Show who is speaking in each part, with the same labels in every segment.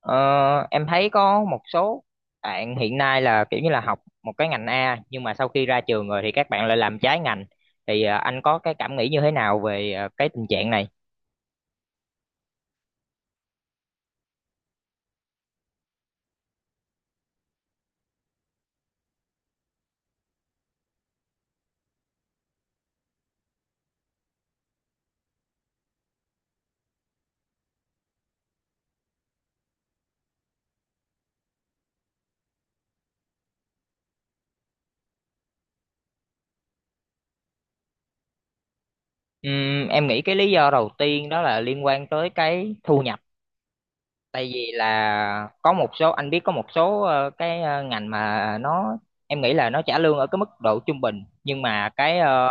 Speaker 1: Ờ, em thấy có một số bạn hiện nay là kiểu như là học một cái ngành A nhưng mà sau khi ra trường rồi thì các bạn lại làm trái ngành thì anh có cái cảm nghĩ như thế nào về cái tình trạng này? Em nghĩ cái lý do đầu tiên đó là liên quan tới cái thu nhập, tại vì là có một số, anh biết, có một số cái ngành mà nó em nghĩ là nó trả lương ở cái mức độ trung bình, nhưng mà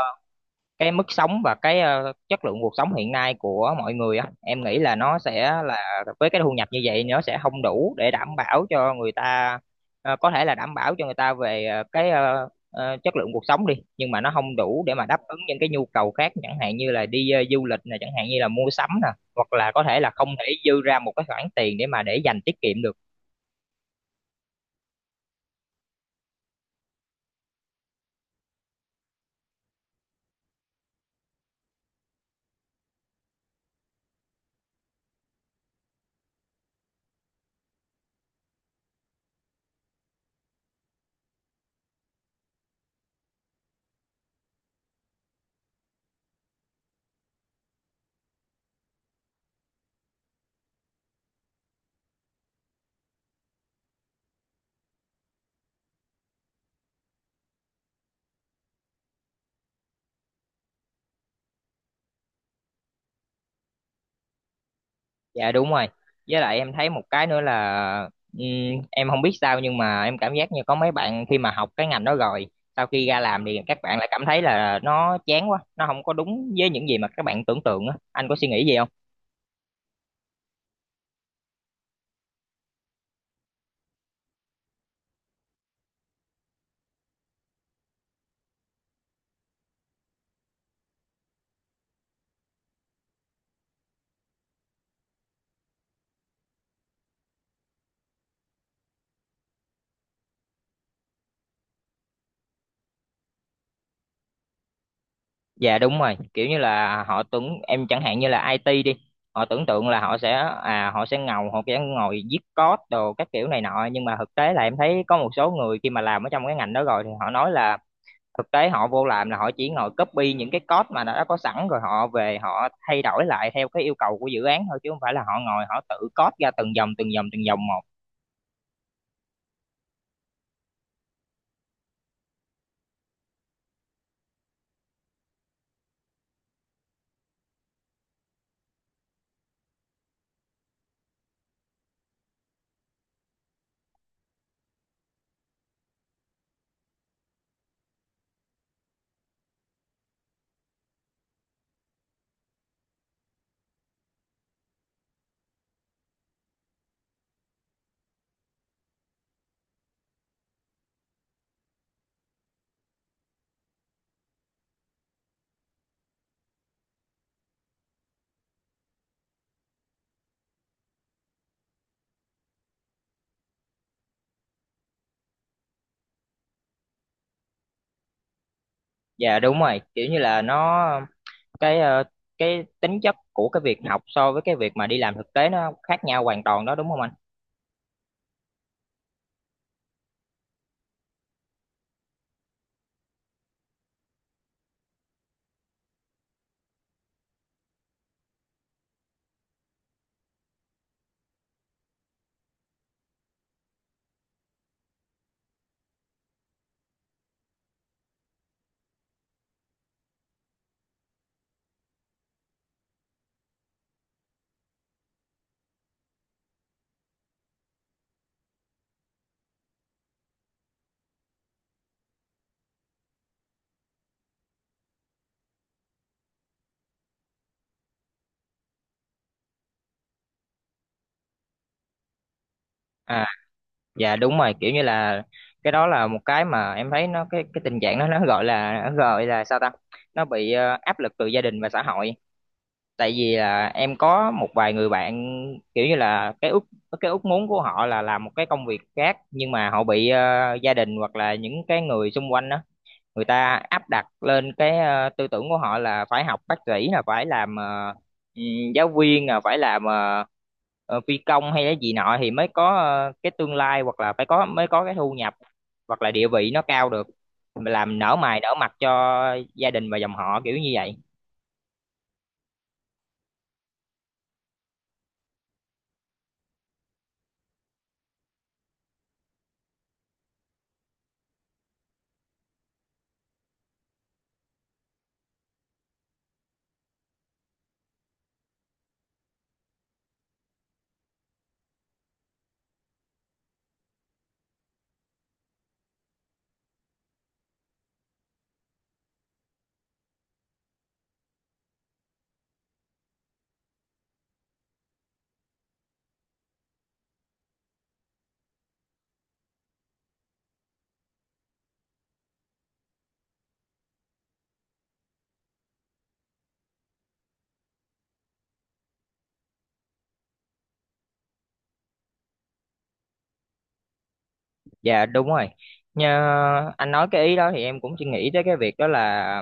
Speaker 1: cái mức sống và cái chất lượng cuộc sống hiện nay của mọi người á, em nghĩ là nó sẽ là với cái thu nhập như vậy nó sẽ không đủ để đảm bảo cho người ta. Có thể là đảm bảo cho người ta về chất lượng cuộc sống đi, nhưng mà nó không đủ để mà đáp ứng những cái nhu cầu khác, chẳng hạn như là đi du lịch nè, chẳng hạn như là mua sắm nè, hoặc là có thể là không thể dư ra một cái khoản tiền để mà để dành tiết kiệm được. Dạ đúng rồi. Với lại em thấy một cái nữa là em không biết sao nhưng mà em cảm giác như có mấy bạn khi mà học cái ngành đó rồi, sau khi ra làm thì các bạn lại cảm thấy là nó chán quá, nó không có đúng với những gì mà các bạn tưởng tượng á. Anh có suy nghĩ gì không? Dạ đúng rồi, kiểu như là họ tưởng, em chẳng hạn như là IT đi, họ tưởng tượng là họ sẽ à họ sẽ ngầu, họ sẽ ngồi viết code đồ các kiểu này nọ, nhưng mà thực tế là em thấy có một số người khi mà làm ở trong cái ngành đó rồi thì họ nói là thực tế họ vô làm là họ chỉ ngồi copy những cái code mà đã có sẵn rồi họ về họ thay đổi lại theo cái yêu cầu của dự án thôi, chứ không phải là họ ngồi họ tự code ra từng dòng từng dòng từng dòng một. Dạ đúng rồi, kiểu như là nó cái cái tính chất của cái việc học so với cái việc mà đi làm thực tế nó khác nhau hoàn toàn đó đúng không anh? À dạ đúng rồi, kiểu như là cái đó là một cái mà em thấy nó, cái tình trạng đó nó gọi là, nó gọi là sao ta, nó bị áp lực từ gia đình và xã hội. Tại vì là em có một vài người bạn kiểu như là cái ước muốn của họ là làm một cái công việc khác, nhưng mà họ bị gia đình hoặc là những cái người xung quanh đó, người ta áp đặt lên cái tư tưởng của họ là phải học bác sĩ, là phải làm ừ, giáo viên, là phải làm phi công hay cái gì nọ thì mới có cái tương lai, hoặc là phải có mới có cái thu nhập hoặc là địa vị nó cao được, làm nở mày nở mặt cho gia đình và dòng họ kiểu như vậy. Dạ đúng rồi. Như anh nói cái ý đó thì em cũng chỉ nghĩ tới cái việc đó là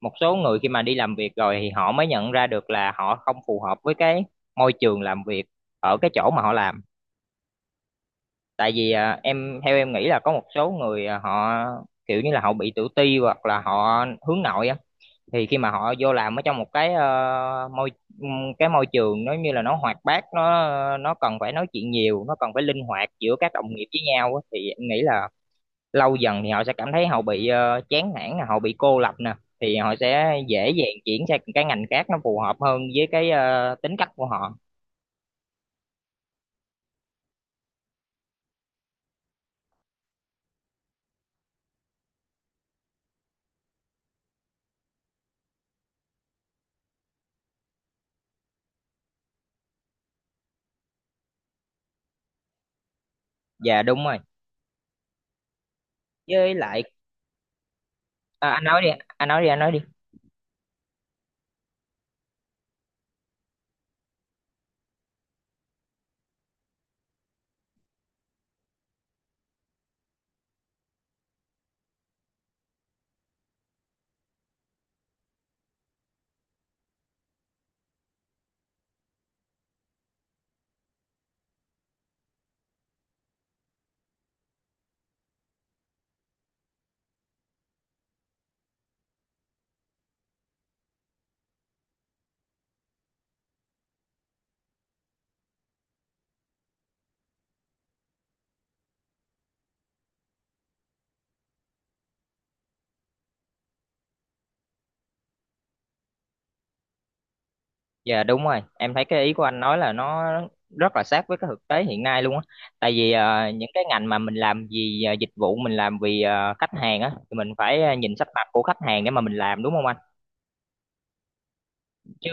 Speaker 1: một số người khi mà đi làm việc rồi thì họ mới nhận ra được là họ không phù hợp với cái môi trường làm việc ở cái chỗ mà họ làm. Tại vì à, em theo em nghĩ là có một số người à, họ kiểu như là họ bị tự ti hoặc là họ hướng nội á, thì khi mà họ vô làm ở trong một cái ờ, môi cái môi trường nó như là nó hoạt bát, nó cần phải nói chuyện nhiều, nó cần phải linh hoạt giữa các đồng nghiệp với nhau á, thì em nghĩ là lâu dần thì họ sẽ cảm thấy họ bị chán nản nè, họ bị cô lập nè, thì họ sẽ dễ dàng chuyển sang cái ngành khác nó phù hợp hơn với cái tính cách của họ. Dạ đúng rồi. Với lại à, anh nói đi anh nói đi. Dạ đúng rồi, em thấy cái ý của anh nói là nó rất là sát với cái thực tế hiện nay luôn á. Tại vì những cái ngành mà mình làm vì dịch vụ, mình làm vì khách hàng á, thì mình phải nhìn sắc mặt của khách hàng để mà mình làm, đúng không anh? Chứ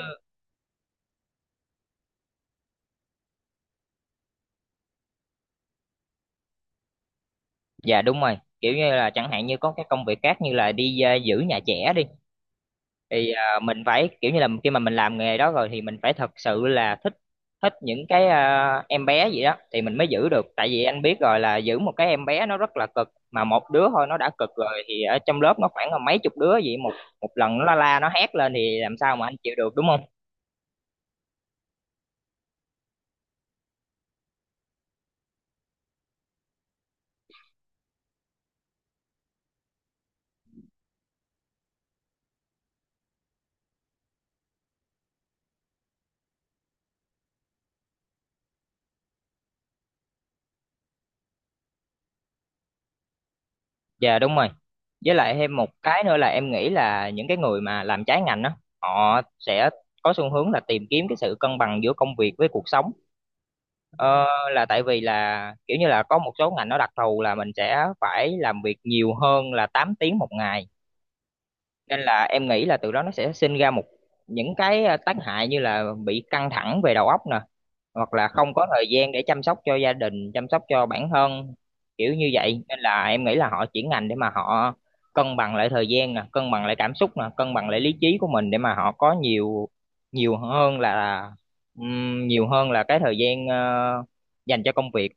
Speaker 1: dạ đúng rồi, kiểu như là chẳng hạn như có cái công việc khác như là đi giữ nhà trẻ đi, thì à, mình phải kiểu như là khi mà mình làm nghề đó rồi thì mình phải thật sự là thích, thích những cái à, em bé gì đó thì mình mới giữ được. Tại vì anh biết rồi, là giữ một cái em bé nó rất là cực, mà một đứa thôi nó đã cực rồi thì ở trong lớp nó khoảng là mấy chục đứa vậy, một một lần nó la, nó hét lên thì làm sao mà anh chịu được đúng không? Dạ đúng rồi. Với lại thêm một cái nữa là em nghĩ là những cái người mà làm trái ngành đó họ sẽ có xu hướng là tìm kiếm cái sự cân bằng giữa công việc với cuộc sống. Ờ, là tại vì là kiểu như là có một số ngành nó đặc thù là mình sẽ phải làm việc nhiều hơn là 8 tiếng một ngày, nên là em nghĩ là từ đó nó sẽ sinh ra những cái tác hại như là bị căng thẳng về đầu óc nè, hoặc là không có thời gian để chăm sóc cho gia đình, chăm sóc cho bản thân, kiểu như vậy, nên là em nghĩ là họ chuyển ngành để mà họ cân bằng lại thời gian nè, cân bằng lại cảm xúc nè, cân bằng lại lý trí của mình, để mà họ có nhiều, nhiều hơn là nhiều hơn là cái thời gian dành cho công việc.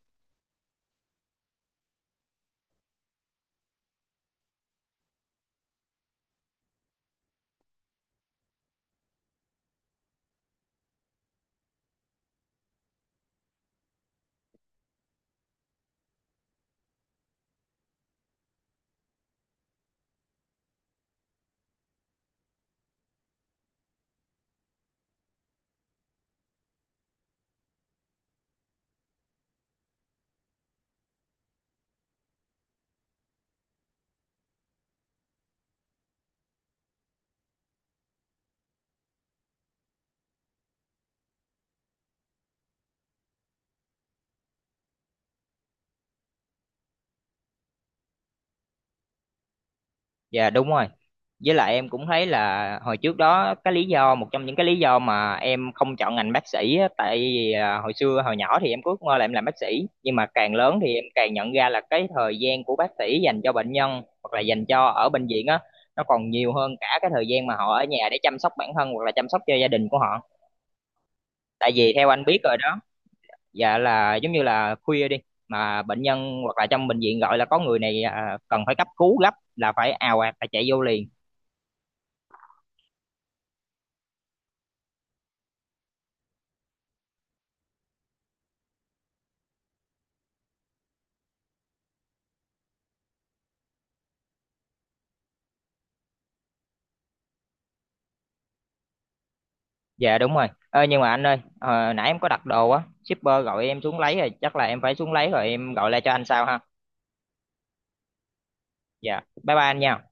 Speaker 1: Dạ đúng rồi. Với lại em cũng thấy là hồi trước đó, cái lý do, một trong những cái lý do mà em không chọn ngành bác sĩ á, tại vì à, hồi xưa hồi nhỏ thì em cứ ngờ là em làm bác sĩ, nhưng mà càng lớn thì em càng nhận ra là cái thời gian của bác sĩ dành cho bệnh nhân hoặc là dành cho ở bệnh viện á, nó còn nhiều hơn cả cái thời gian mà họ ở nhà để chăm sóc bản thân hoặc là chăm sóc cho gia đình của họ. Tại vì theo anh biết rồi đó, dạ, là giống như là khuya đi mà bệnh nhân hoặc là trong bệnh viện gọi là có người này à, cần phải cấp cứu gấp, là phải ào ạt phải chạy vô liền. Dạ đúng rồi. Ơ nhưng mà anh ơi, nãy em có đặt đồ á, shipper gọi em xuống lấy rồi, chắc là em phải xuống lấy rồi em gọi lại cho anh sau ha. Dạ. Bye bye anh nha.